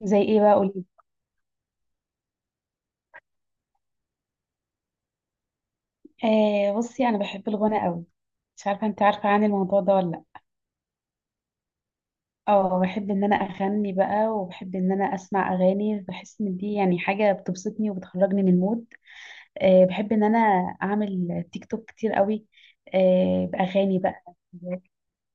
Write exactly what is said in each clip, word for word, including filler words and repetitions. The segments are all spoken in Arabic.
زي ايه بقى، قولي؟ آه، بصي، انا بحب الغنى قوي. مش عارفه انت عارفه عن الموضوع ده ولا لا؟ اه، بحب ان انا اغني بقى، وبحب ان انا اسمع اغاني. بحس ان دي يعني حاجه بتبسطني وبتخرجني من المود. آه بحب ان انا اعمل تيك توك كتير قوي. آه باغاني بقى.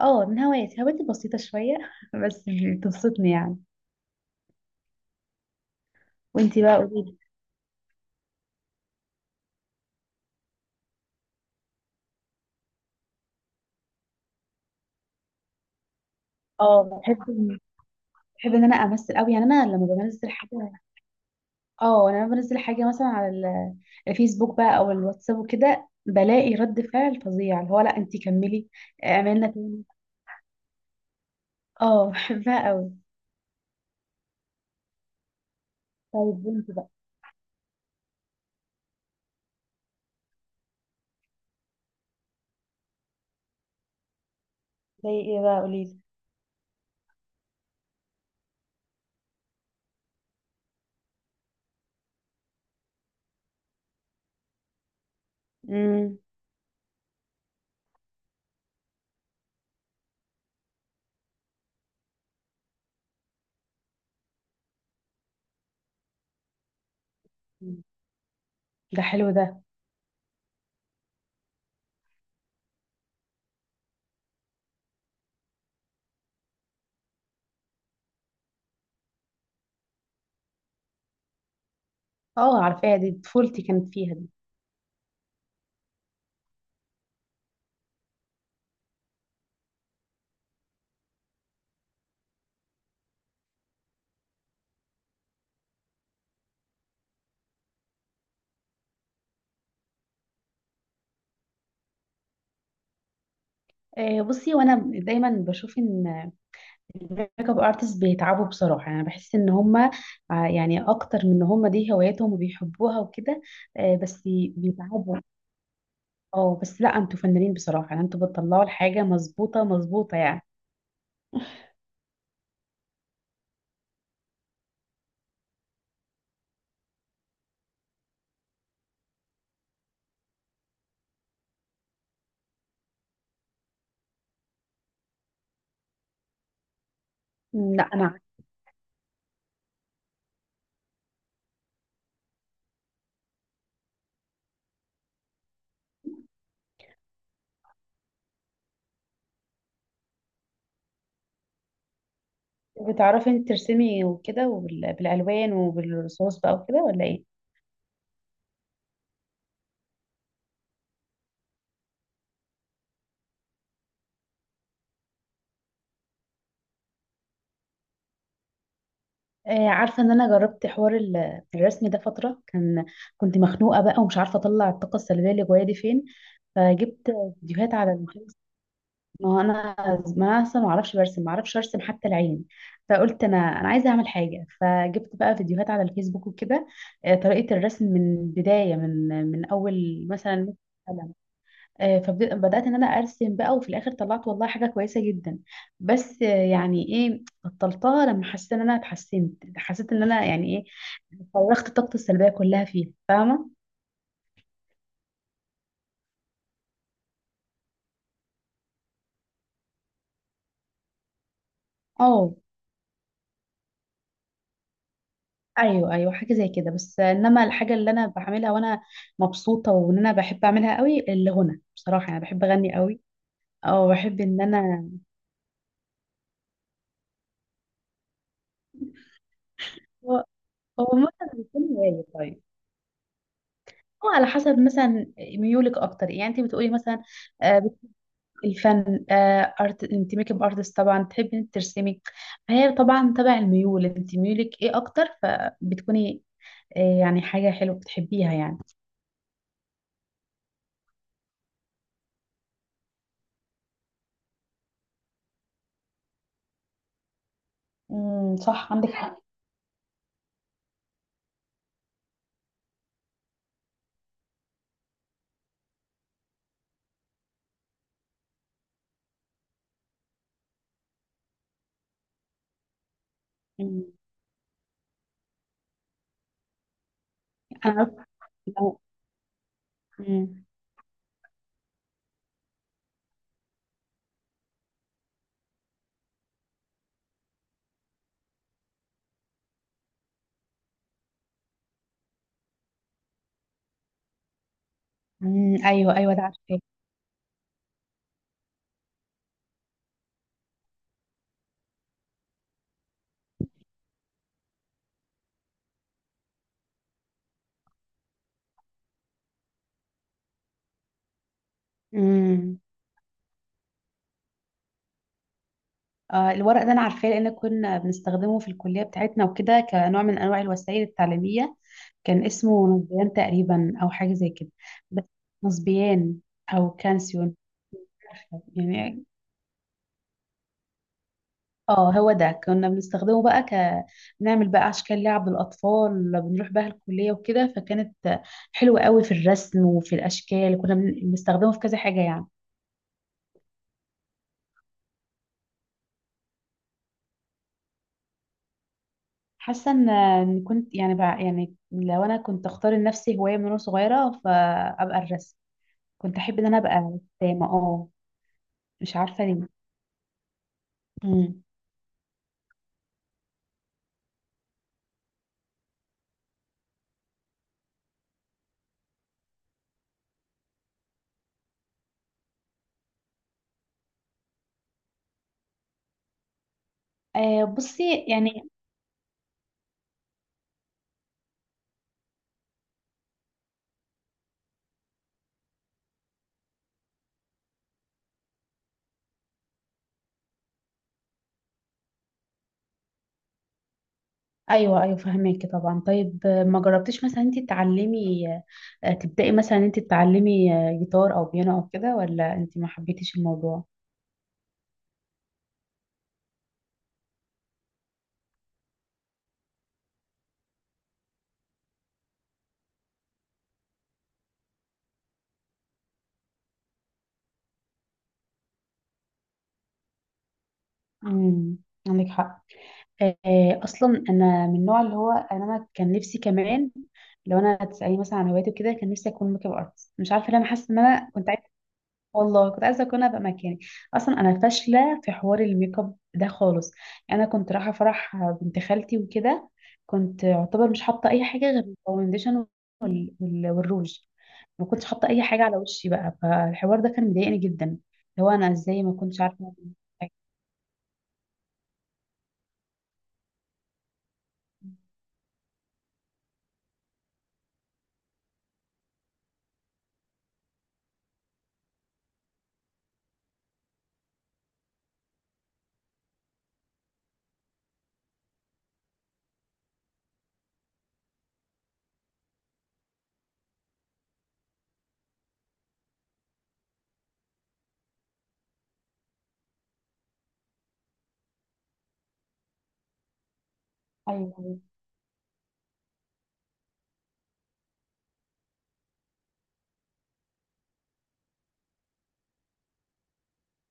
اه، من هواياتي. هواياتي بسيطه شويه بس بتبسطني يعني. وانتي بقى، قولي لي. اه بحب بحب ان انا امثل قوي، يعني انا لما بمثل حاجه. اه، انا لما بنزل حاجه مثلا على ال- الفيسبوك بقى او الواتساب وكده، بلاقي رد فعل فظيع اللي هو لا انتي كملي. اعملنا تاني. اه، بحبها قوي. طيب، وانت بقى؟ زي ايه بقى، قوليلي؟ امم. ده حلو ده. اه، عارفاها. دي طفولتي كانت فيها دي. آه بصي، وانا دايما بشوف ان الميك اب ارتست بيتعبوا. بصراحه، انا بحس ان هما آه، يعني اكتر من ان هما دي هواياتهم وبيحبوها وكده. آه بس بيتعبوا. اه، بس لا، انتوا فنانين بصراحة. يعني انتوا بتطلعوا الحاجة مظبوطة مظبوطة يعني. مم، لا انا. عارفة. بتعرفي انت ترسمي وكده، وبال- بالالوان وبالرصاص بقى وكده، ولا ايه؟ آه، عارفة ان انا جربت حوار ال- الرسم ده فترة. كان كنت مخنوقة بقى ومش عارفة اطلع الطاقة السلبية اللي جوايا دي فين. فجبت فيديوهات على الفيس. ما هو انا، ما اصلا ما اعرفش برسم، ما اعرفش ارسم حتى العين. فقلت انا انا عايزه اعمل حاجه، فجبت بقى فيديوهات على الفيسبوك وكده. آه، طريقه الرسم من بدايه، من من اول مثلا. قلم. آه، فبدات ان انا ارسم بقى، وفي الاخر طلعت والله حاجه كويسه جدا. بس آه، يعني ايه، بطلتها؟ لما حسيت ان انا اتحسنت، حسيت ان انا يعني ايه. فرغت طاقتي السلبيه كلها فيها، فاهمه؟ اه. ايوه، ايوه، حاجه زي كده. بس انما الحاجه اللي انا بعملها وانا مبسوطه وان انا بحب اعملها قوي، الغنى. بصراحه انا بحب اغني قوي. او بحب ان انا. هو هو مثلا بيكون هوايه طيب. هو على حسب مثلا ميولك اكتر، يعني انت بتقولي مثلا. آه، بت- الفن، آه، ارت. انت ميك اب ارتست، طبعا تحبي انت ترسمي. فهي طبعا تبع الميول، انت ميولك ايه اكتر، فبتكوني آه، يعني حاجه حلوه بتحبيها يعني. امم، صح، عندك حق. مم. انا عارفة. لو. مم. امم، ايوه، ايوه، ده عارفاه. امم. آه الورق ده انا عارفاه، لان كنا بنستخدمه في الكليه بتاعتنا وكده كنوع من انواع الوسائل التعليميه. كان اسمه نصبيان تقريبا، او حاجه زي كده. بس نصبيان. او كانسيون. يعني اه، هو ده كنا بنستخدمه بقى ك بنعمل بقى اشكال لعب للاطفال، بنروح بقى الكليه وكده. فكانت حلوه قوي في الرسم وفي الاشكال، كنا بن- بنستخدمه في كذا حاجه يعني. حاسه ان إن كنت يعني بقى يعني لو انا كنت اختار لنفسي هوايه من وانا صغيره، فابقى الرسم. كنت احب ان انا ابقى رسامه، اه. مش عارفه ليه. امم. آه بصي يعني. ايوه، ايوه، فهماكي طبعا. طيب آه، ما جربتيش مثلا انت تتعلمي، آه، تبداي مثلا انت تتعلمي آه، جيتار او بيانو او كده، ولا انت ما حبيتيش الموضوع؟ امم، عندك حق. آه، اصلا انا من النوع اللي هو انا أنا كان نفسي كمان، لو انا تسالني مثلا عن هواياتي وكده، كان نفسي اكون ميك اب ارتست. مش عارفه ليه، انا حاسه ان انا كنت عايزه. والله كنت عايزه اكون، ابقى مكاني. اصلا انا فاشله في حوار الميك اب ده خالص. يعني انا كنت رايحه فرح بنت خالتي وكده، كنت اعتبر مش حاطه اي حاجه غير الفاونديشن وال- وال- والروج. ما كنتش حاطه اي حاجه على وشي بقى، فالحوار ده كان مضايقني جدا، اللي هو انا ازاي ما كنتش عارفه أعمل حاجة. ايوه،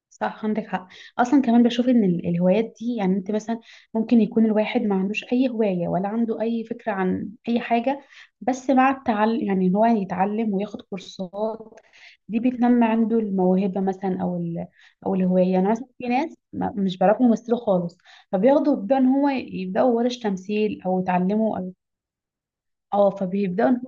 صح، عندك حق. اصلا كمان بشوف ان ال- الهوايات دي، يعني انت مثلا ممكن يكون الواحد ما عندوش اي هواية، ولا عنده اي فكرة عن اي حاجة. بس مع التعلم، يعني ان هو يتعلم وياخد كورسات، دي بتنمي عنده الموهبة مثلا او ال... او الهواية. انا مثلا في ناس ما- مش بيعرفوا يمثلوا خالص، فبياخدوا بيبدأوا ان هو يبدأوا ورش تمثيل او يتعلموا او، اه، فبيبدأوا ان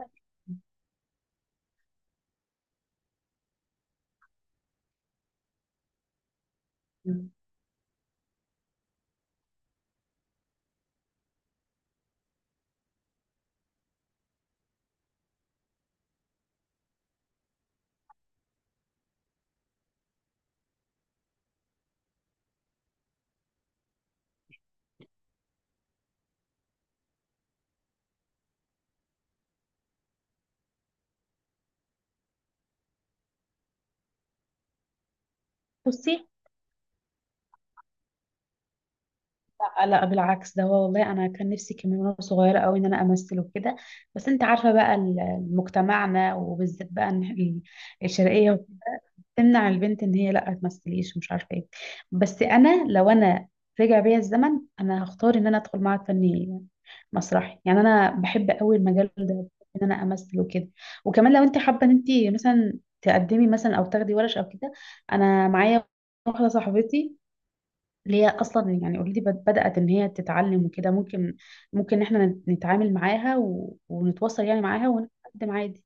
هو. لا، لا، بالعكس، ده هو والله انا كان نفسي كمان وانا صغيره قوي ان انا امثل وكده. بس انت عارفه بقى ال- مجتمعنا، وبالذات بقى إن ال- الشرقيه تمنع البنت ان هي لا تمثليش ومش عارفه ايه. بس انا، لو انا رجع بيا الزمن، انا هختار ان انا ادخل معهد فني مسرحي. يعني انا بحب قوي المجال ده، بحب ان انا امثل وكده. وكمان لو انت حابه ان انت مثلا تقدمي مثلا او تاخدي ورش او كده، انا معايا واحده صاحبتي اللي هي اصلا يعني اوريدي بدات ان هي تتعلم وكده. ممكن، ممكن احنا نت- نتعامل معاها و... ونتواصل يعني معاها ونقدم عادي.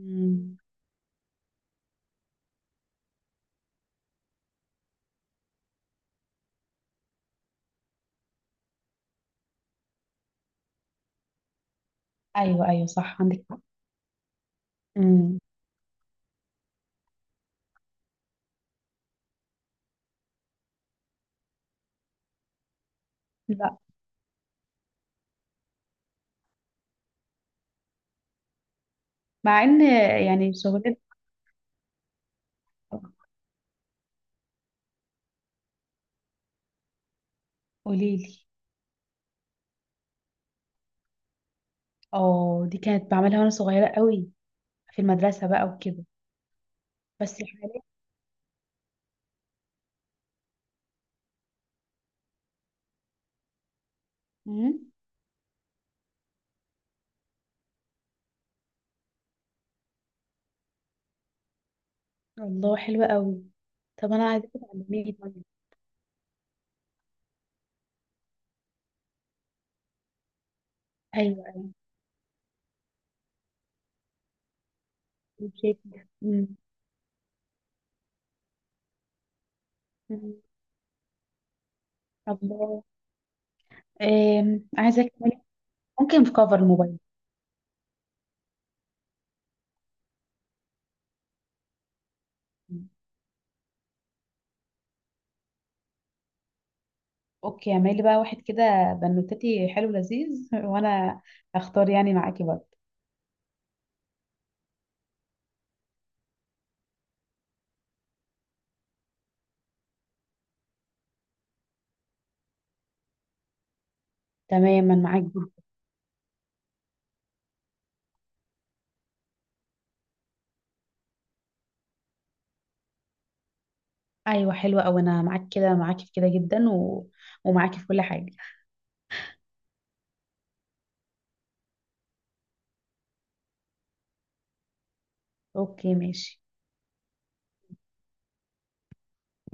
امم. ايوه، ايوه، صح، عندك حق. امم. لا، مع ان، يعني، شغلتي. قوليلي. اه، دي كانت بعملها وانا صغيره قوي، في المدرسه بقى وكده. بس حاليا. امم. الله، حلوه قوي. طب انا عايزاك تعلميني طيب. ايوه، ايوه، شايفة. امم. أمم. الله. إيه. عايزاك تعملي. ممكن في كفر الموبايل؟ اوكي، اعملي بقى واحد كده بنوتتي، حلو لذيذ وانا هختار يعني معاكي برضه. تماما، معاك جدا. ايوه، حلوه اوي. انا معاك كده، معاكي في كده جدا، و... ومعاكي في كل حاجه. اوكي، ماشي.